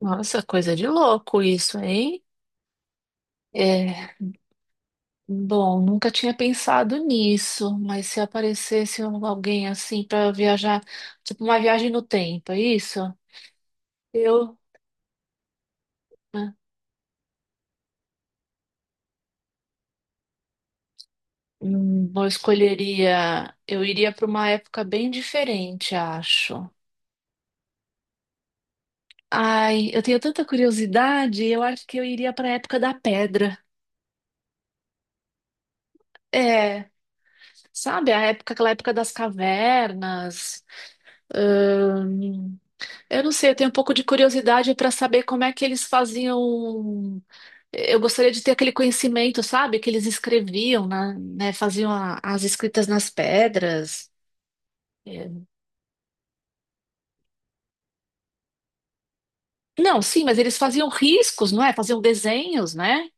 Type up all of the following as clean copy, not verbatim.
Nossa, coisa de louco isso, hein? É, bom, nunca tinha pensado nisso, mas se aparecesse alguém assim para viajar, tipo uma viagem no tempo, é isso? Eu, né, eu escolheria, eu iria para uma época bem diferente, acho. Ai, eu tenho tanta curiosidade, eu acho que eu iria para a época da pedra. É, sabe, a época, aquela época das cavernas. Eu não sei, eu tenho um pouco de curiosidade para saber como é que eles faziam. Eu gostaria de ter aquele conhecimento, sabe? Que eles escreviam, né? Faziam as escritas nas pedras. É. Não, sim, mas eles faziam riscos, não é? Faziam desenhos, né?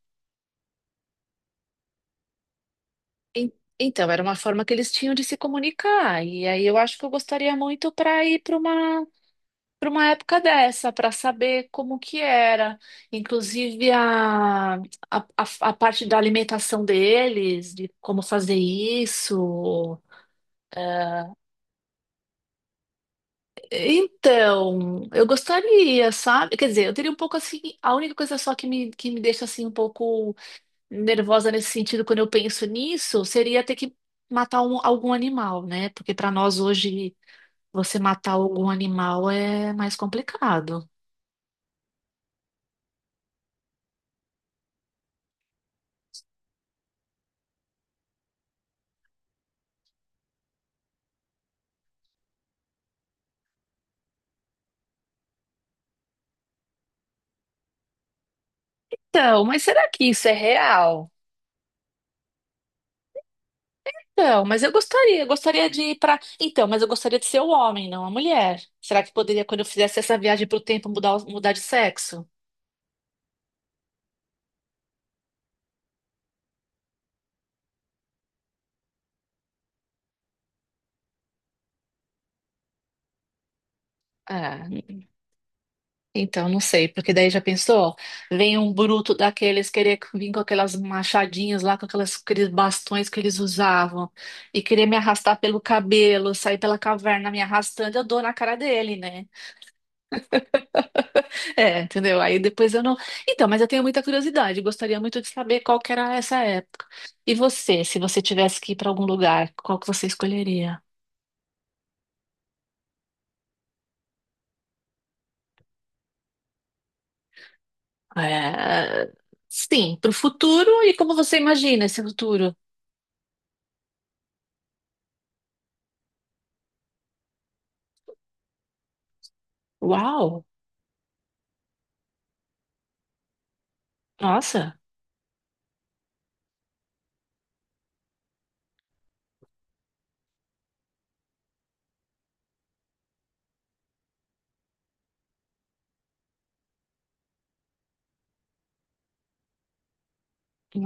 En- Então, era uma forma que eles tinham de se comunicar. E aí eu acho que eu gostaria muito para ir para uma época dessa, para saber como que era, inclusive a parte da alimentação deles, de como fazer isso. É, então, eu gostaria, sabe? Quer dizer, eu teria um pouco assim, a única coisa só que me deixa assim um pouco nervosa nesse sentido quando eu penso nisso, seria ter que matar algum animal, né? Porque para nós hoje você matar algum animal é mais complicado. Então, mas será que isso é real? Então, mas eu gostaria de ir para. Então, mas eu gostaria de ser o homem, não a mulher. Será que poderia, quando eu fizesse essa viagem pro tempo, mudar de sexo? Ah, então não sei, porque daí já pensou? Vem um bruto daqueles querer vir com aquelas machadinhas lá, com aquelas, aqueles bastões que eles usavam, e querer me arrastar pelo cabelo, sair pela caverna me arrastando, eu dou na cara dele, né? É, entendeu? Aí depois eu não. Então, mas eu tenho muita curiosidade, gostaria muito de saber qual que era essa época. E você, se você tivesse que ir para algum lugar, qual que você escolheria? É. Sim, para o futuro e como você imagina esse futuro? Uau! Nossa!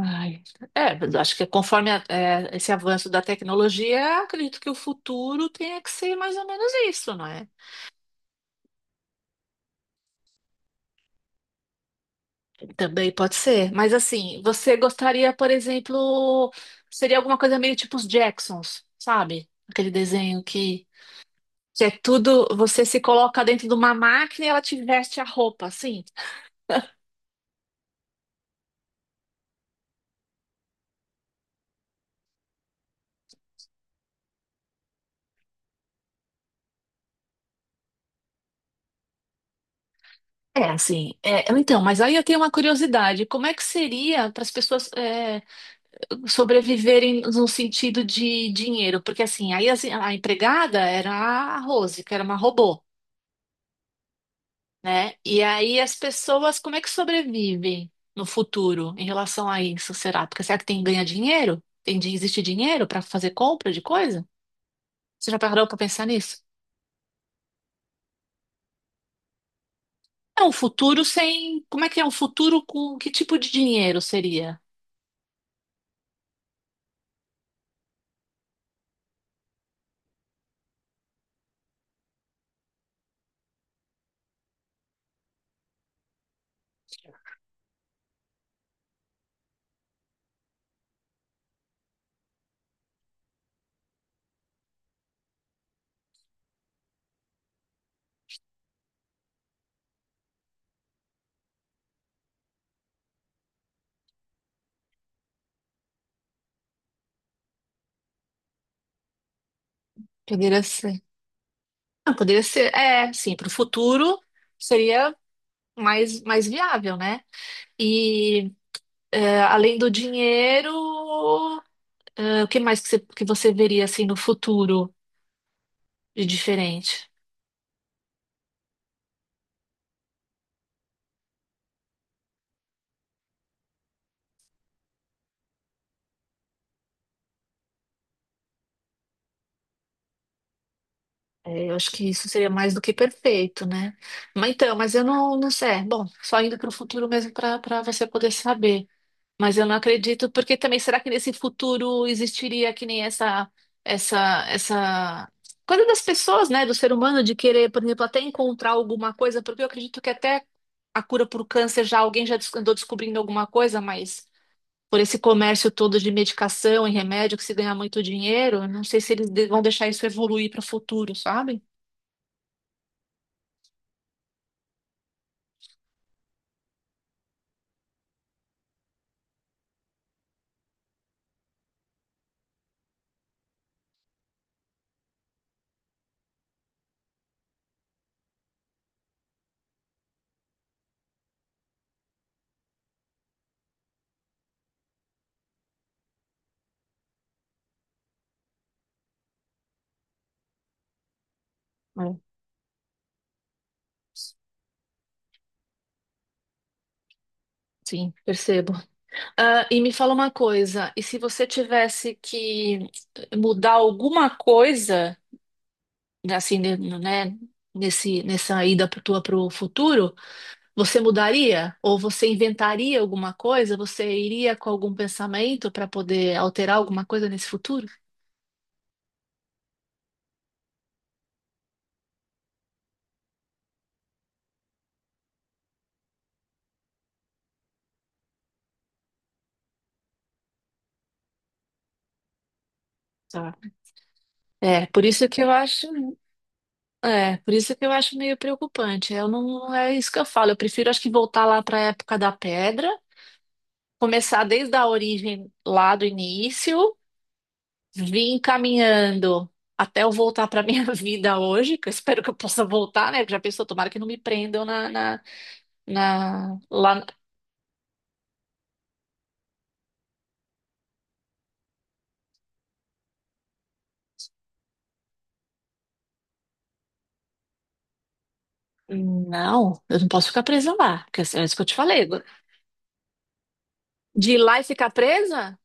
Ai. É, mas acho que conforme esse avanço da tecnologia, acredito que o futuro tenha que ser mais ou menos isso, não é? Também pode ser. Mas assim, você gostaria, por exemplo, seria alguma coisa meio tipo os Jacksons, sabe? Aquele desenho que é tudo, você se coloca dentro de uma máquina e ela te veste a roupa, assim. É, assim. É, então, mas aí eu tenho uma curiosidade. Como é que seria para as pessoas é, sobreviverem no sentido de dinheiro? Porque assim, aí assim, a empregada era a Rose, que era uma robô. Né? E aí as pessoas, como é que sobrevivem no futuro em relação a isso, será? Porque será que tem ganha dinheiro? Tem de existir dinheiro para fazer compra de coisa? Você já parou para pensar nisso? É um futuro sem, como é que é um futuro com que tipo de dinheiro seria? Poderia ser. Não, poderia ser, é, sim, para o futuro seria mais viável, né? E é, além do dinheiro, é, o que mais que você veria assim no futuro de diferente? É, eu acho que isso seria mais do que perfeito, né? Mas então, mas eu não, não sei. É, bom, só indo para o futuro mesmo para você poder saber. Mas eu não acredito, porque também será que nesse futuro existiria que nem essa coisa das pessoas, né, do ser humano de querer, por exemplo, até encontrar alguma coisa, porque eu acredito que até a cura para o câncer já alguém já andou descobrindo alguma coisa, mas por esse comércio todo de medicação e remédio que se ganha muito dinheiro, eu não sei se eles vão deixar isso evoluir para o futuro, sabe? Hum, Sim, percebo. Ah, e me fala uma coisa, e se você tivesse que mudar alguma coisa, né, assim, né, nesse, nessa ida tua para o futuro, você mudaria? Ou você inventaria alguma coisa? Você iria com algum pensamento para poder alterar alguma coisa nesse futuro? Tá. É, por isso que eu acho, é, por isso que eu acho meio preocupante. Eu não é isso que eu falo. Eu prefiro, acho que voltar lá para a época da pedra começar desde a origem lá do início, vim caminhando até eu voltar para minha vida hoje, que eu espero que eu possa voltar, né? Já pensou, tomara que não me prendam na lá. Não, eu não posso ficar presa lá, porque assim, é isso que eu te falei. De ir lá e ficar presa?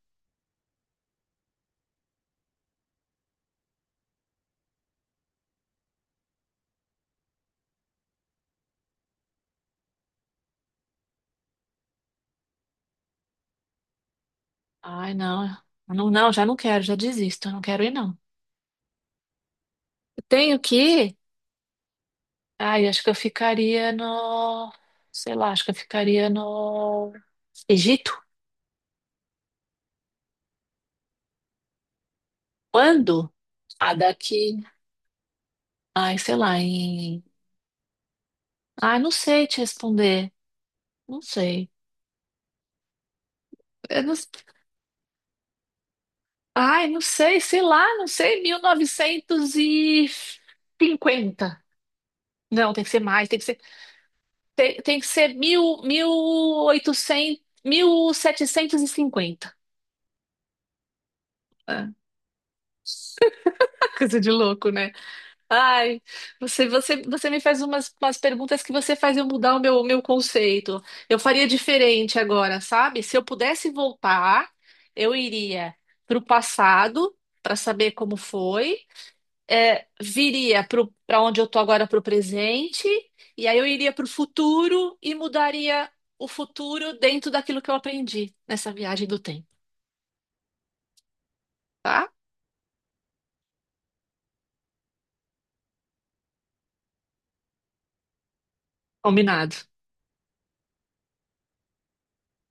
Ai, não, não, não, já não quero, já desisto, eu não quero ir, não. Eu tenho que ir? Ai, acho que eu ficaria no, sei lá, acho que eu ficaria no Egito. Quando? Ah, daqui. Ai, sei lá. Ai, não sei te responder. Não sei. Eu não- Ai, não sei, sei lá, não sei, 1950. Não, tem que ser mais, tem que ser, tem, tem que ser mil setecentos e cinquenta. É, coisa de louco, né? Ai, você, você, você me faz umas perguntas que você faz eu mudar o meu conceito. Eu faria diferente agora, sabe? Se eu pudesse voltar, eu iria para o passado para saber como foi, é, viria para onde eu tô agora para o presente, e aí eu iria para o futuro e mudaria o futuro dentro daquilo que eu aprendi nessa viagem do tempo, tá? Combinado.